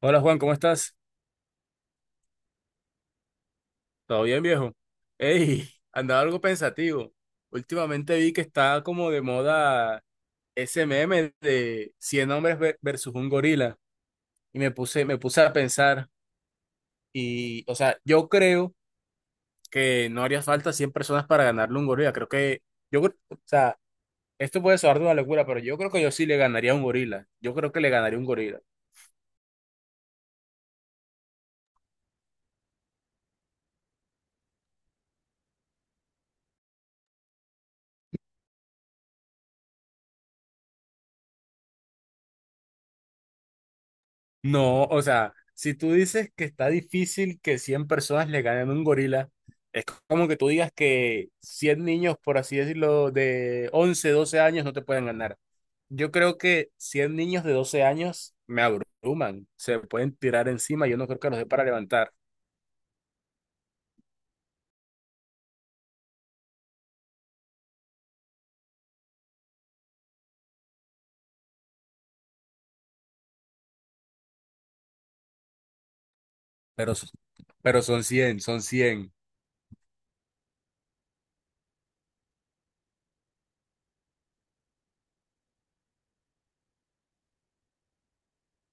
Hola Juan, ¿cómo estás? ¿Todo bien, viejo? Ey, andaba algo pensativo. Últimamente vi que está como de moda ese meme de 100 hombres versus un gorila. Y me puse a pensar. Y, o sea, yo creo que no haría falta 100 personas para ganarle a un gorila. Creo que, o sea, esto puede sonar de una locura, pero yo creo que yo sí le ganaría a un gorila. Yo creo que le ganaría a un gorila. No, o sea, si tú dices que está difícil que 100 personas le ganen a un gorila, es como que tú digas que 100 niños, por así decirlo, de 11 12 años no te pueden ganar. Yo creo que 100 niños de 12 años me abruman, se pueden tirar encima, yo no creo que los dé para levantar, pero, s- pero son 100, son 100.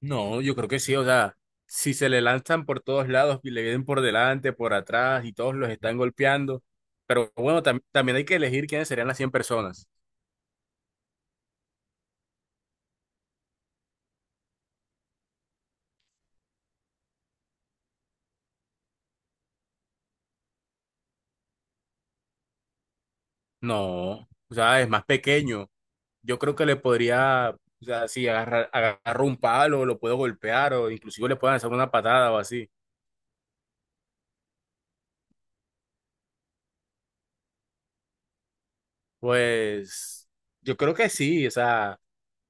No, yo creo que sí, o sea, si se le lanzan por todos lados y le vienen por delante, por atrás y todos los están golpeando, pero bueno, también hay que elegir quiénes serían las 100 personas. No, o sea, es más pequeño. Yo creo que le podría, o sea, si agarro un palo, lo puedo golpear o inclusive le pueden hacer una patada o así. Pues yo creo que sí, o sea.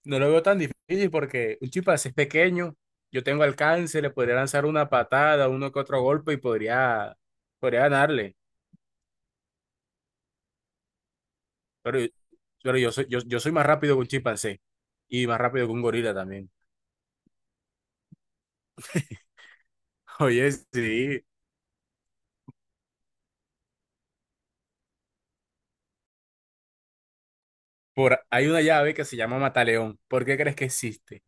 No lo veo tan difícil porque un chimpancé es pequeño, yo tengo alcance, le podría lanzar una patada, uno que otro golpe y podría ganarle. Pero, pero yo soy más rápido que un chimpancé y más rápido que un gorila también. Oye, sí, hay una llave que se llama Mataleón. ¿Por qué crees que existe?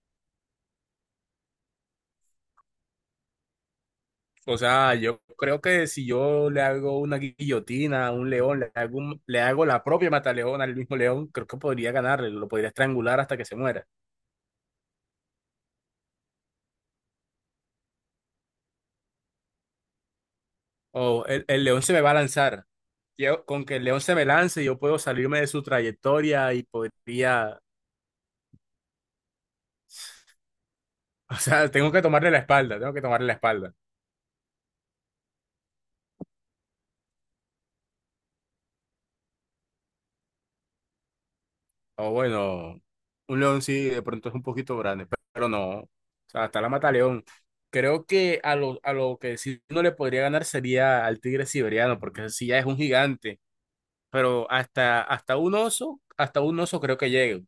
O sea, yo creo que si yo le hago una guillotina a un león, le hago la propia mataleón al mismo león, creo que podría ganarle, lo podría estrangular hasta que se muera. Oh, el león se me va a lanzar. Yo, con que el león se me lance, yo puedo salirme de su trayectoria y podría... O sea, tengo que tomarle la espalda, tengo que tomarle la espalda. O bueno, un león sí, de pronto es un poquito grande, pero no. O sea, hasta la mata león. Creo que a lo que sí no le podría ganar sería al tigre siberiano, porque ese sí ya es un gigante. Pero hasta un oso, hasta un oso creo que llegue.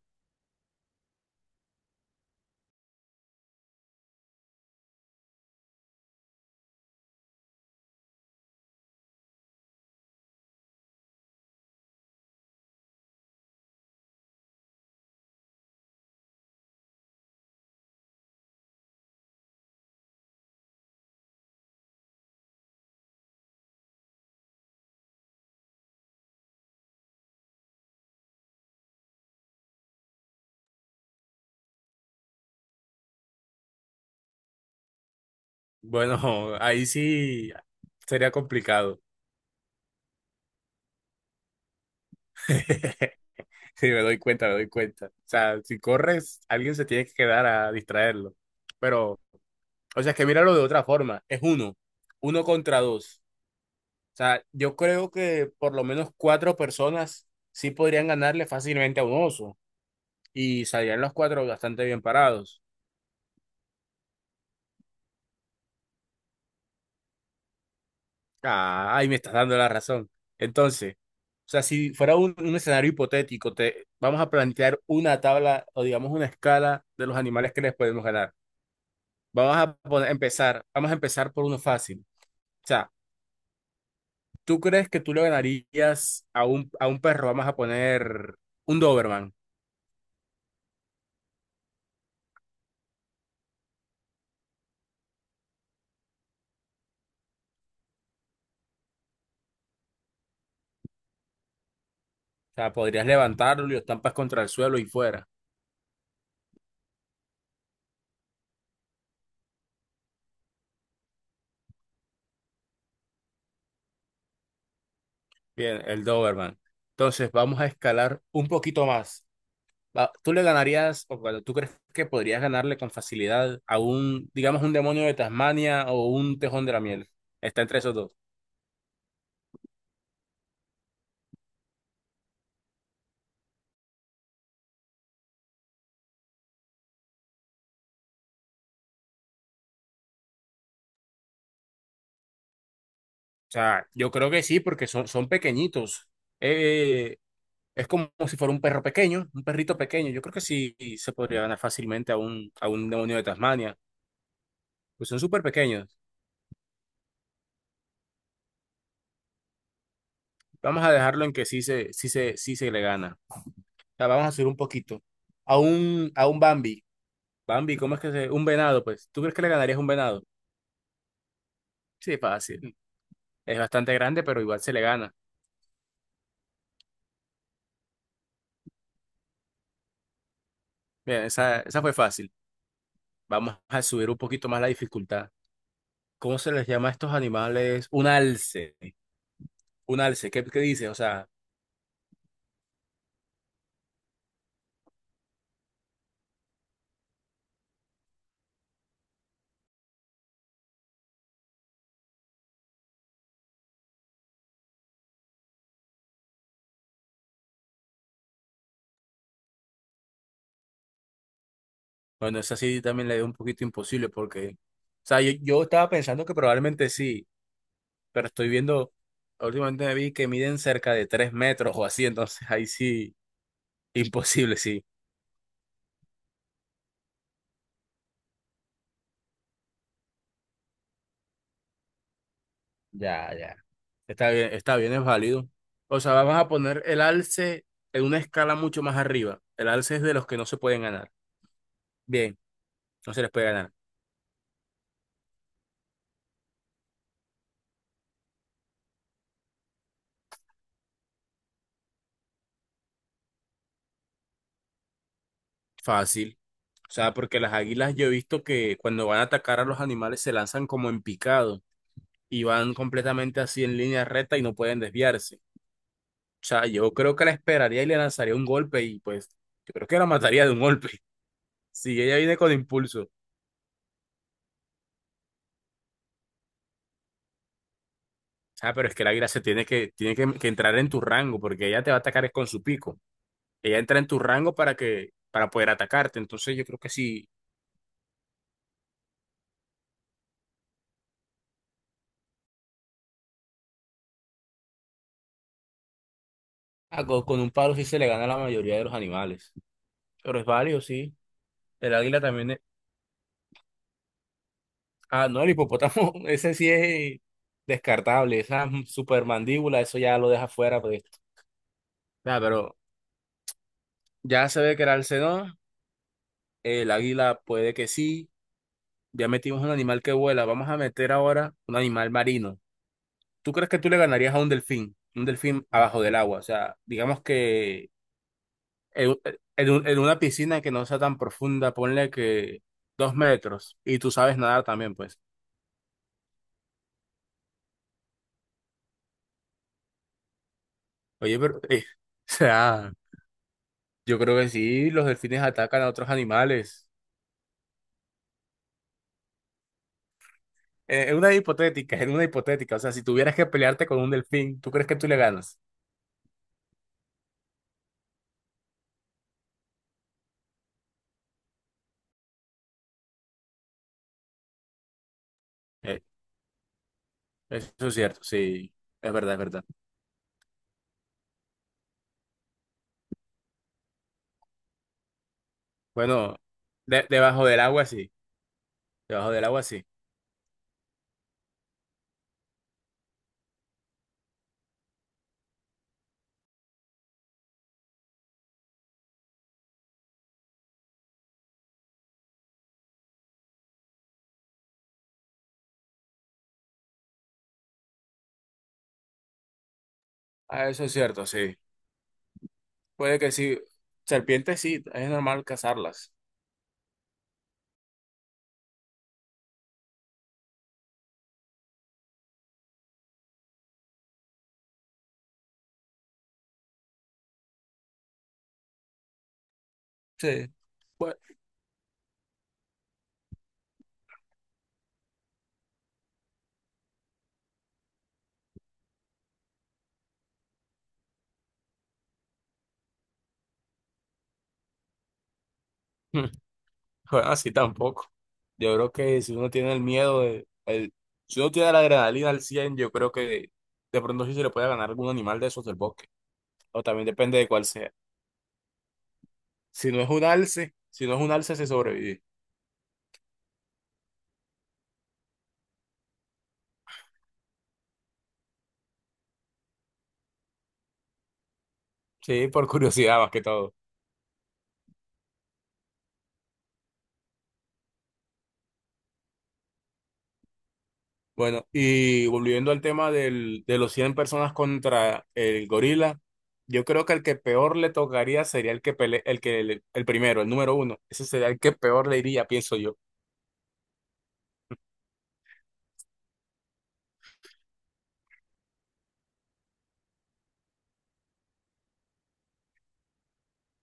Bueno, ahí sí sería complicado. Sí, me doy cuenta, me doy cuenta. O sea, si corres, alguien se tiene que quedar a distraerlo. Pero, o sea, es que míralo de otra forma. Es uno contra dos. O sea, yo creo que por lo menos cuatro personas sí podrían ganarle fácilmente a un oso. Y salían los cuatro bastante bien parados. Ah, ahí me estás dando la razón. Entonces, o sea, si fuera un escenario hipotético, te vamos a plantear una tabla o digamos una escala de los animales que les podemos ganar. Vamos a empezar por uno fácil. O sea, ¿tú crees que tú le ganarías a un perro? Vamos a poner un Doberman. O sea, podrías levantarlo y lo estampas contra el suelo y fuera. Bien, el Doberman. Entonces, vamos a escalar un poquito más. ¿Tú le ganarías, o bueno, tú crees que podrías ganarle con facilidad a un, digamos, un demonio de Tasmania o un tejón de la miel? Está entre esos dos. O sea, yo creo que sí, porque son pequeñitos. Eh, Es como si fuera un perro pequeño, un perrito pequeño. Yo creo que sí se podría ganar fácilmente a un demonio de Tasmania. Pues son súper pequeños. Vamos a dejarlo en que sí se le gana. O sea, vamos a subir un poquito. A un Bambi. Bambi, ¿cómo es que se...? Un venado, pues. ¿Tú crees que le ganarías a un venado? Sí, fácil. Es bastante grande, pero igual se le gana. Bien, esa fue fácil. Vamos a subir un poquito más la dificultad. ¿Cómo se les llama a estos animales? Un alce. Un alce. ¿Qué dices? O sea... Bueno, esa sí también la veo un poquito imposible porque, o sea, yo estaba pensando que probablemente sí, pero estoy viendo, últimamente me vi que miden cerca de 3 metros o así, entonces ahí sí, imposible, sí. Ya, ya. Está bien, es válido. O sea, vamos a poner el alce en una escala mucho más arriba. El alce es de los que no se pueden ganar. Bien, no se les puede ganar. Fácil. O sea, porque las águilas yo he visto que cuando van a atacar a los animales se lanzan como en picado, y van completamente así en línea recta y no pueden desviarse. O sea, yo creo que la esperaría y le lanzaría un golpe y pues yo creo que la mataría de un golpe. Si ella viene con impulso. O sea, pero es que la águila se tiene que entrar en tu rango porque ella te va a atacar es con su pico. Ella entra en tu rango para para poder atacarte. Entonces yo creo que sí, ah, con un palo sí se le gana a la mayoría de los animales. Pero es válido, sí. El águila también es... Ah, no, el hipopótamo, ese sí es descartable. Esa supermandíbula, eso ya lo deja fuera pues. Nah, pero ya se ve que era el Alcedón, el águila puede que sí, ya metimos un animal que vuela, vamos a meter ahora un animal marino. ¿Tú crees que tú le ganarías a un delfín? Un delfín abajo del agua, o sea, digamos que en, en una piscina que no sea tan profunda, ponle que 2 metros, y tú sabes nadar también, pues. Oye, pero, o sea, yo creo que sí, los delfines atacan a otros animales. Es una hipotética, o sea, si tuvieras que pelearte con un delfín, ¿tú crees que tú le ganas? Eh, Eso es cierto, sí, es verdad, es verdad. Bueno, debajo del agua sí, debajo del agua sí. Ah, eso es cierto, sí. Puede que sí. Serpientes sí, es normal cazarlas. Sí. Bueno, bueno, así tampoco. Yo creo que si uno tiene el miedo de, si uno tiene la adrenalina al 100 yo creo que de pronto sí se le puede ganar algún animal de esos del bosque. O también depende de cuál sea. Si no es un alce, si no es un alce, se sobrevive. Sí, por curiosidad más que todo. Bueno, y volviendo al tema de los 100 personas contra el gorila, yo creo que el que peor le tocaría sería el que pele- el que le- el, primero, el número uno. Ese sería el que peor le iría, pienso yo.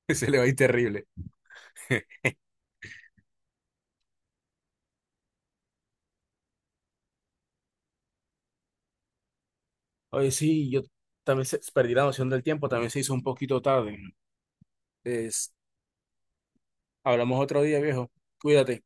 Ese le va a ir terrible. Oye, sí, yo también perdí la noción del tiempo, también se hizo un poquito tarde. Es- Hablamos otro día, viejo. Cuídate.